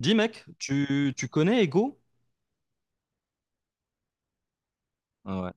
Dis mec, tu connais Ego? Ah ouais.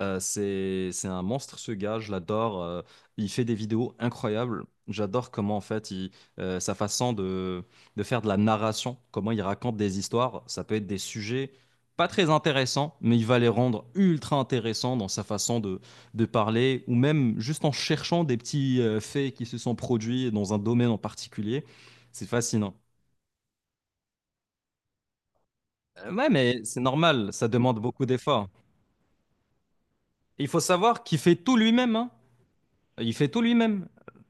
C'est un monstre ce gars, je l'adore. Il fait des vidéos incroyables. J'adore comment en fait sa façon de faire de la narration, comment il raconte des histoires. Ça peut être des sujets pas très intéressants, mais il va les rendre ultra intéressants dans sa façon de parler, ou même juste en cherchant des petits faits qui se sont produits dans un domaine en particulier. C'est fascinant. Ouais, mais c'est normal, ça demande beaucoup d'efforts. Il faut savoir qu'il fait tout lui-même, hein. Il fait tout lui-même.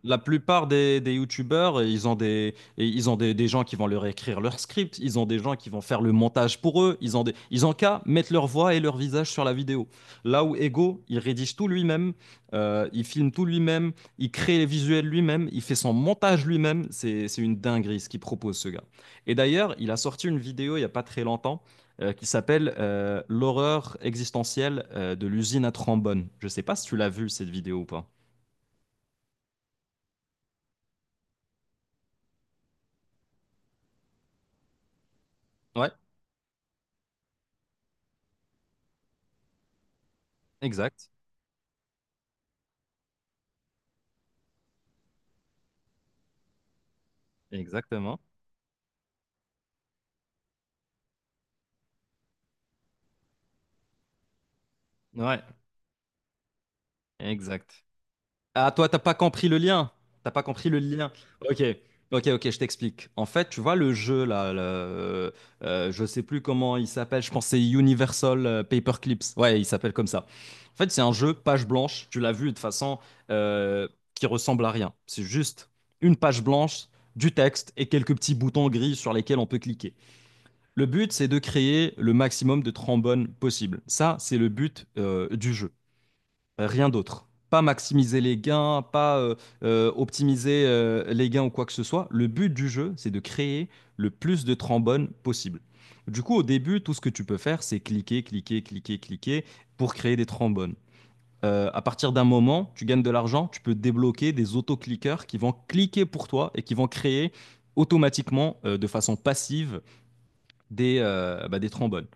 La plupart des youtubeurs, ils ont des gens qui vont leur écrire leur script, ils ont des gens qui vont faire le montage pour eux, ils ont qu'à mettre leur voix et leur visage sur la vidéo. Là où Ego, il rédige tout lui-même, il filme tout lui-même, il crée les visuels lui-même, il fait son montage lui-même. C'est une dinguerie ce qu'il propose, ce gars. Et d'ailleurs, il a sorti une vidéo il n'y a pas très longtemps qui s'appelle L'horreur existentielle de l'usine à trombone. Je ne sais pas si tu l'as vu cette vidéo ou pas. Ouais. Exact, exactement. Ouais, exact. Ah, toi, t'as pas compris le lien. T'as pas compris le lien. Ok, ok, ok, je t'explique. En fait, tu vois le jeu là, je sais plus comment il s'appelle. Je pense que c'est Universal Paperclips. Ouais, il s'appelle comme ça. En fait, c'est un jeu page blanche. Tu l'as vu de toute façon, euh, qui ressemble à rien. C'est juste une page blanche, du texte et quelques petits boutons gris sur lesquels on peut cliquer. Le but, c'est de créer le maximum de trombones possible. Ça, c'est le but du jeu. Rien d'autre. Pas maximiser les gains, pas optimiser les gains ou quoi que ce soit. Le but du jeu, c'est de créer le plus de trombones possible. Du coup, au début, tout ce que tu peux faire, c'est cliquer, cliquer, cliquer, cliquer pour créer des trombones. À partir d'un moment, tu gagnes de l'argent, tu peux débloquer des autocliqueurs qui vont cliquer pour toi et qui vont créer automatiquement, de façon passive, des trombones.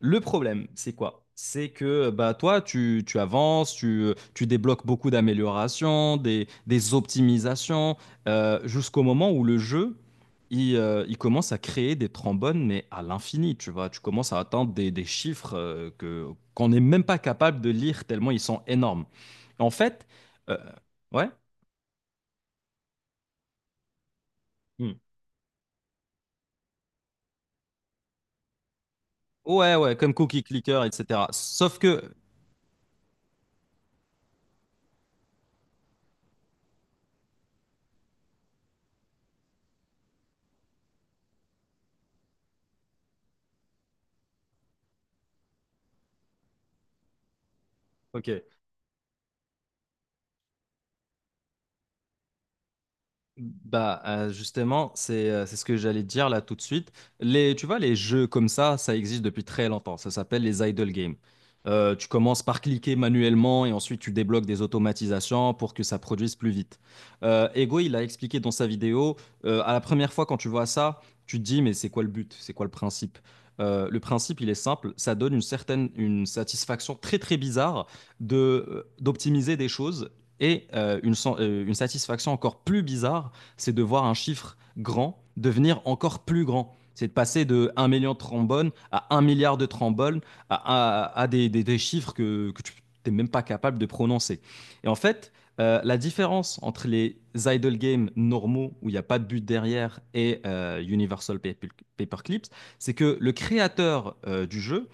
Le problème, c'est quoi? C'est que bah, toi, tu avances, tu débloques beaucoup d'améliorations, des optimisations, jusqu'au moment où le jeu, il commence à créer des trombones, mais à l'infini, tu vois. Tu commences à atteindre des chiffres, qu'on n'est même pas capable de lire tellement ils sont énormes. En fait, euh, ouais. Hmm. Ouais, ouais, comme Cookie Clicker, etc. Sauf que, ok, bah, justement, c'est ce que j'allais te dire là tout de suite. Tu vois, les jeux comme ça existe depuis très longtemps. Ça s'appelle les idle games. Tu commences par cliquer manuellement et ensuite tu débloques des automatisations pour que ça produise plus vite. Ego, il a expliqué dans sa vidéo. À la première fois quand tu vois ça, tu te dis mais c'est quoi le but? C'est quoi le principe? Le principe, il est simple, ça donne une certaine une satisfaction très très bizarre de d'optimiser des choses et une satisfaction encore plus bizarre, c'est de voir un chiffre grand devenir encore plus grand. C'est de passer de 1 million de trombones à 1 milliard de trombones à chiffres que tu n'es même pas capable de prononcer. Et en fait, la différence entre les idle games normaux où il n'y a pas de but derrière et Universal Paperclips, c'est que le créateur, du jeu,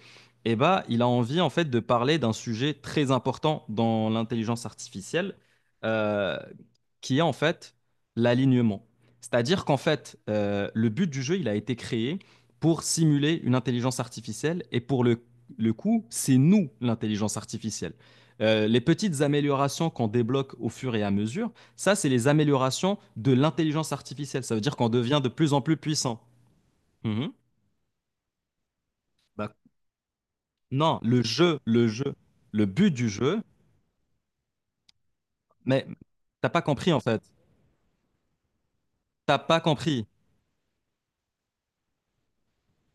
eh ben, il a envie en fait de parler d'un sujet très important dans l'intelligence artificielle, euh, qui est en fait l'alignement. C'est-à-dire qu'en fait, le but du jeu, il a été créé pour simuler une intelligence artificielle et pour le coup, c'est nous l'intelligence artificielle. Les petites améliorations qu'on débloque au fur et à mesure, ça, c'est les améliorations de l'intelligence artificielle. Ça veut dire qu'on devient de plus en plus puissant. Mhm. Bah, non, le jeu, le jeu, le but du jeu, mais t'as pas compris en fait. T'as pas compris.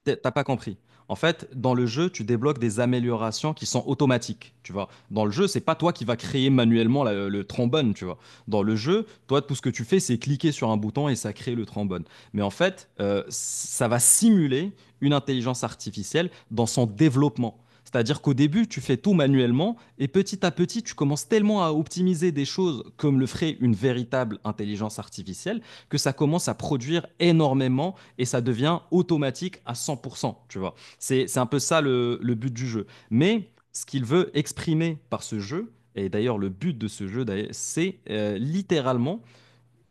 T'as pas compris. En fait, dans le jeu, tu débloques des améliorations qui sont automatiques, tu vois. Dans le jeu, c'est pas toi qui vas créer manuellement le trombone, tu vois. Dans le jeu, toi, tout ce que tu fais, c'est cliquer sur un bouton et ça crée le trombone. Mais en fait, ça va simuler une intelligence artificielle dans son développement. C'est-à-dire qu'au début, tu fais tout manuellement et petit à petit, tu commences tellement à optimiser des choses comme le ferait une véritable intelligence artificielle que ça commence à produire énormément et ça devient automatique à 100%, tu vois. C'est un peu ça le but du jeu. Mais ce qu'il veut exprimer par ce jeu, et d'ailleurs, le but de ce jeu, c'est, littéralement,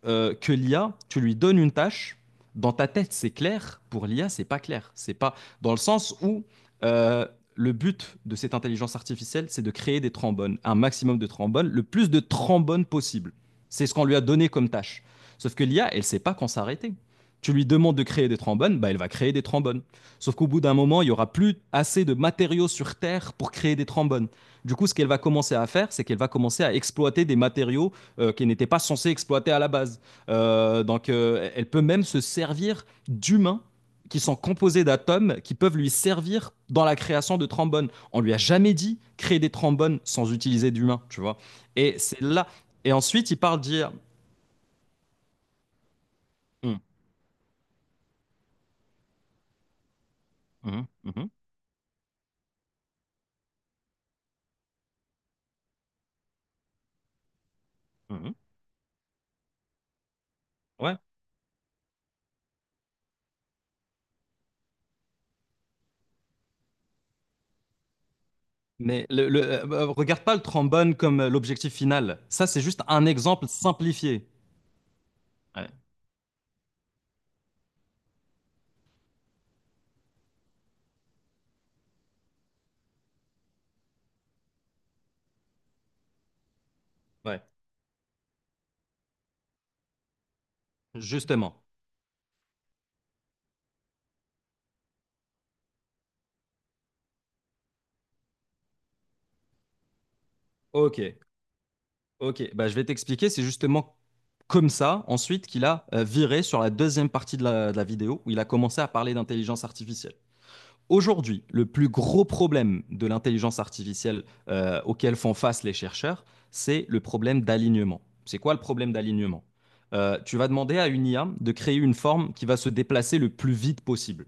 que l'IA, tu lui donnes une tâche, dans ta tête c'est clair, pour l'IA c'est pas clair. C'est pas dans le sens où, euh, le but de cette intelligence artificielle c'est de créer des trombones, un maximum de trombones, le plus de trombones possible. C'est ce qu'on lui a donné comme tâche. Sauf que l'IA, elle ne sait pas quand s'arrêter. Tu lui demandes de créer des trombones, bah elle va créer des trombones. Sauf qu'au bout d'un moment, il y aura plus assez de matériaux sur Terre pour créer des trombones. Du coup, ce qu'elle va commencer à faire, c'est qu'elle va commencer à exploiter des matériaux qu'elle n'était pas censée exploiter à la base. Donc, elle peut même se servir d'humains qui sont composés d'atomes qui peuvent lui servir dans la création de trombones. On lui a jamais dit créer des trombones sans utiliser d'humains, tu vois. Et c'est là. Et ensuite, il parle dire. Hum, hum, hum, hum, hum, hum. Ouais. Mais regarde pas le trombone comme l'objectif final. Ça, c'est juste un exemple simplifié. Ouais. Ouais. Justement. Ok. Ok, bah, je vais t'expliquer. C'est justement comme ça, ensuite, qu'il a viré sur la deuxième partie de la vidéo où il a commencé à parler d'intelligence artificielle. Aujourd'hui, le plus gros problème de l'intelligence artificielle, auquel font face les chercheurs, c'est le problème d'alignement. C'est quoi le problème d'alignement? Tu vas demander à une IA de créer une forme qui va se déplacer le plus vite possible.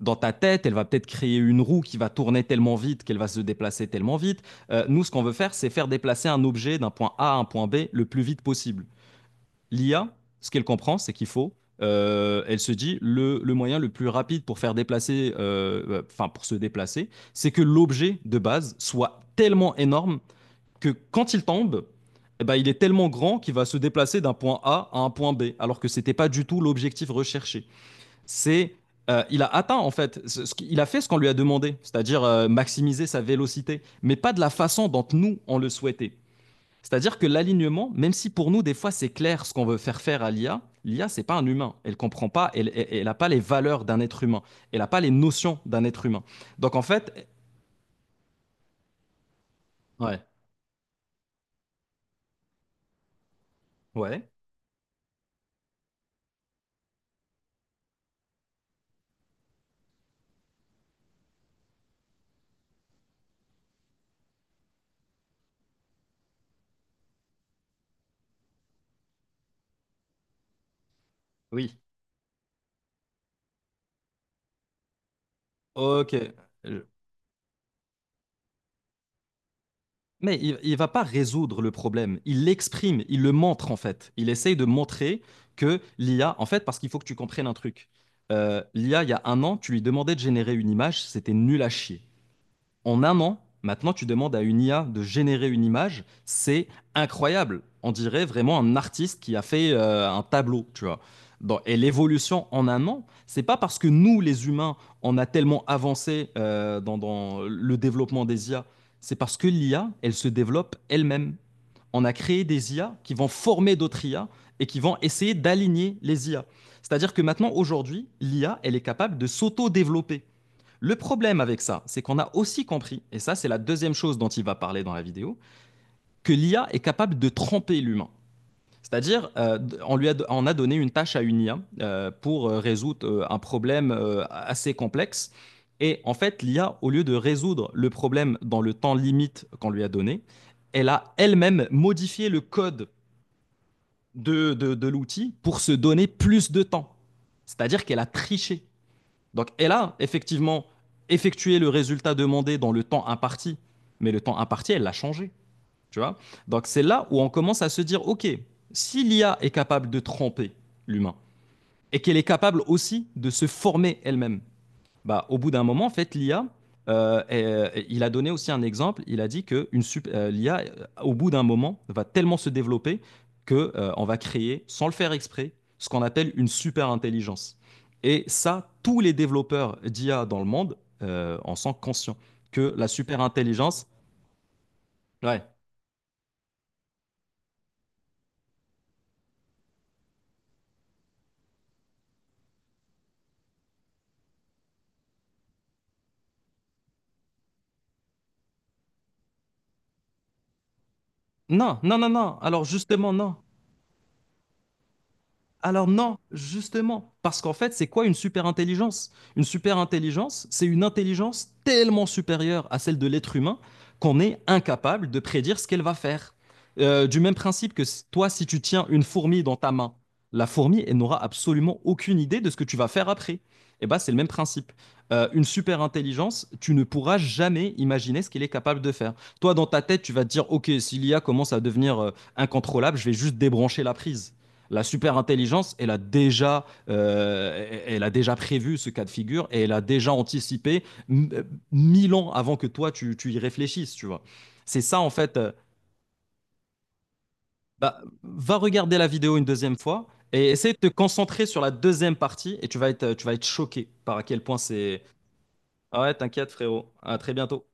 Dans ta tête, elle va peut-être créer une roue qui va tourner tellement vite qu'elle va se déplacer tellement vite. Nous, ce qu'on veut faire, c'est faire déplacer un objet d'un point A à un point B le plus vite possible. L'IA, ce qu'elle comprend, c'est qu'il faut, elle se dit, moyen le plus rapide pour faire déplacer, enfin pour se déplacer, c'est que l'objet de base soit tellement énorme que quand il tombe, eh ben, il est tellement grand qu'il va se déplacer d'un point A à un point B, alors que ce n'était pas du tout l'objectif recherché. C'est, il a atteint en fait, ce il a fait ce qu'on lui a demandé, c'est-à-dire, maximiser sa vélocité, mais pas de la façon dont nous on le souhaitait. C'est-à-dire que l'alignement, même si pour nous des fois c'est clair ce qu'on veut faire faire à l'IA, l'IA c'est pas un humain, elle ne comprend pas, elle a pas les valeurs d'un être humain, elle a pas les notions d'un être humain. Donc en fait, ouais, ouais, oui, ok. Je- Mais il va pas résoudre le problème, il l'exprime, il le montre en fait. Il essaye de montrer que l'IA, en fait, parce qu'il faut que tu comprennes un truc. L'IA, il y a un an, tu lui demandais de générer une image, c'était nul à chier. En un an, maintenant, tu demandes à une IA de générer une image, c'est incroyable. On dirait vraiment un artiste qui a fait un tableau, tu vois. Et l'évolution en un an, c'est pas parce que nous, les humains, on a tellement avancé dans le développement des IA, c'est parce que l'IA, elle se développe elle-même. On a créé des IA qui vont former d'autres IA et qui vont essayer d'aligner les IA. C'est-à-dire que maintenant, aujourd'hui, l'IA, elle est capable de s'auto-développer. Le problème avec ça, c'est qu'on a aussi compris, et ça c'est la deuxième chose dont il va parler dans la vidéo, que l'IA est capable de tromper l'humain. C'est-à-dire, on a donné une tâche à une IA, pour résoudre un problème assez complexe. Et en fait, l'IA, au lieu de résoudre le problème dans le temps limite qu'on lui a donné, elle a elle-même modifié le code de l'outil pour se donner plus de temps. C'est-à-dire qu'elle a triché. Donc elle a effectivement effectué le résultat demandé dans le temps imparti, mais le temps imparti, elle l'a changé, tu vois. Donc c'est là où on commence à se dire, ok, si l'IA est capable de tromper l'humain et qu'elle est capable aussi de se former elle-même, bah, au bout d'un moment, en fait, l'IA, et il a donné aussi un exemple. Il a dit que l'IA, au bout d'un moment, va tellement se développer que, on va créer, sans le faire exprès, ce qu'on appelle une super intelligence. Et ça, tous les développeurs d'IA dans le monde, en sont conscients que la super intelligence. Ouais. Non, non, non, non. Alors justement, non. Alors non, justement, parce qu'en fait, c'est quoi une super intelligence? Une super intelligence, c'est une intelligence tellement supérieure à celle de l'être humain qu'on est incapable de prédire ce qu'elle va faire. Du même principe que, toi, si tu tiens une fourmi dans ta main, la fourmi, elle n'aura absolument aucune idée de ce que tu vas faire après. Et ben, c'est le même principe. Une super intelligence, tu ne pourras jamais imaginer ce qu'elle est capable de faire. Toi, dans ta tête, tu vas te dire, OK, si l'IA commence à devenir incontrôlable, je vais juste débrancher la prise. La super intelligence, elle a déjà prévu ce cas de figure et elle a déjà anticipé m- euh, 1 000 ans avant que toi tu y réfléchisses, tu vois. C'est ça en fait. Bah, va regarder la vidéo une deuxième fois et essaie de te concentrer sur la deuxième partie et tu vas être choqué par à quel point c'est. Ah ouais, t'inquiète frérot. À très bientôt.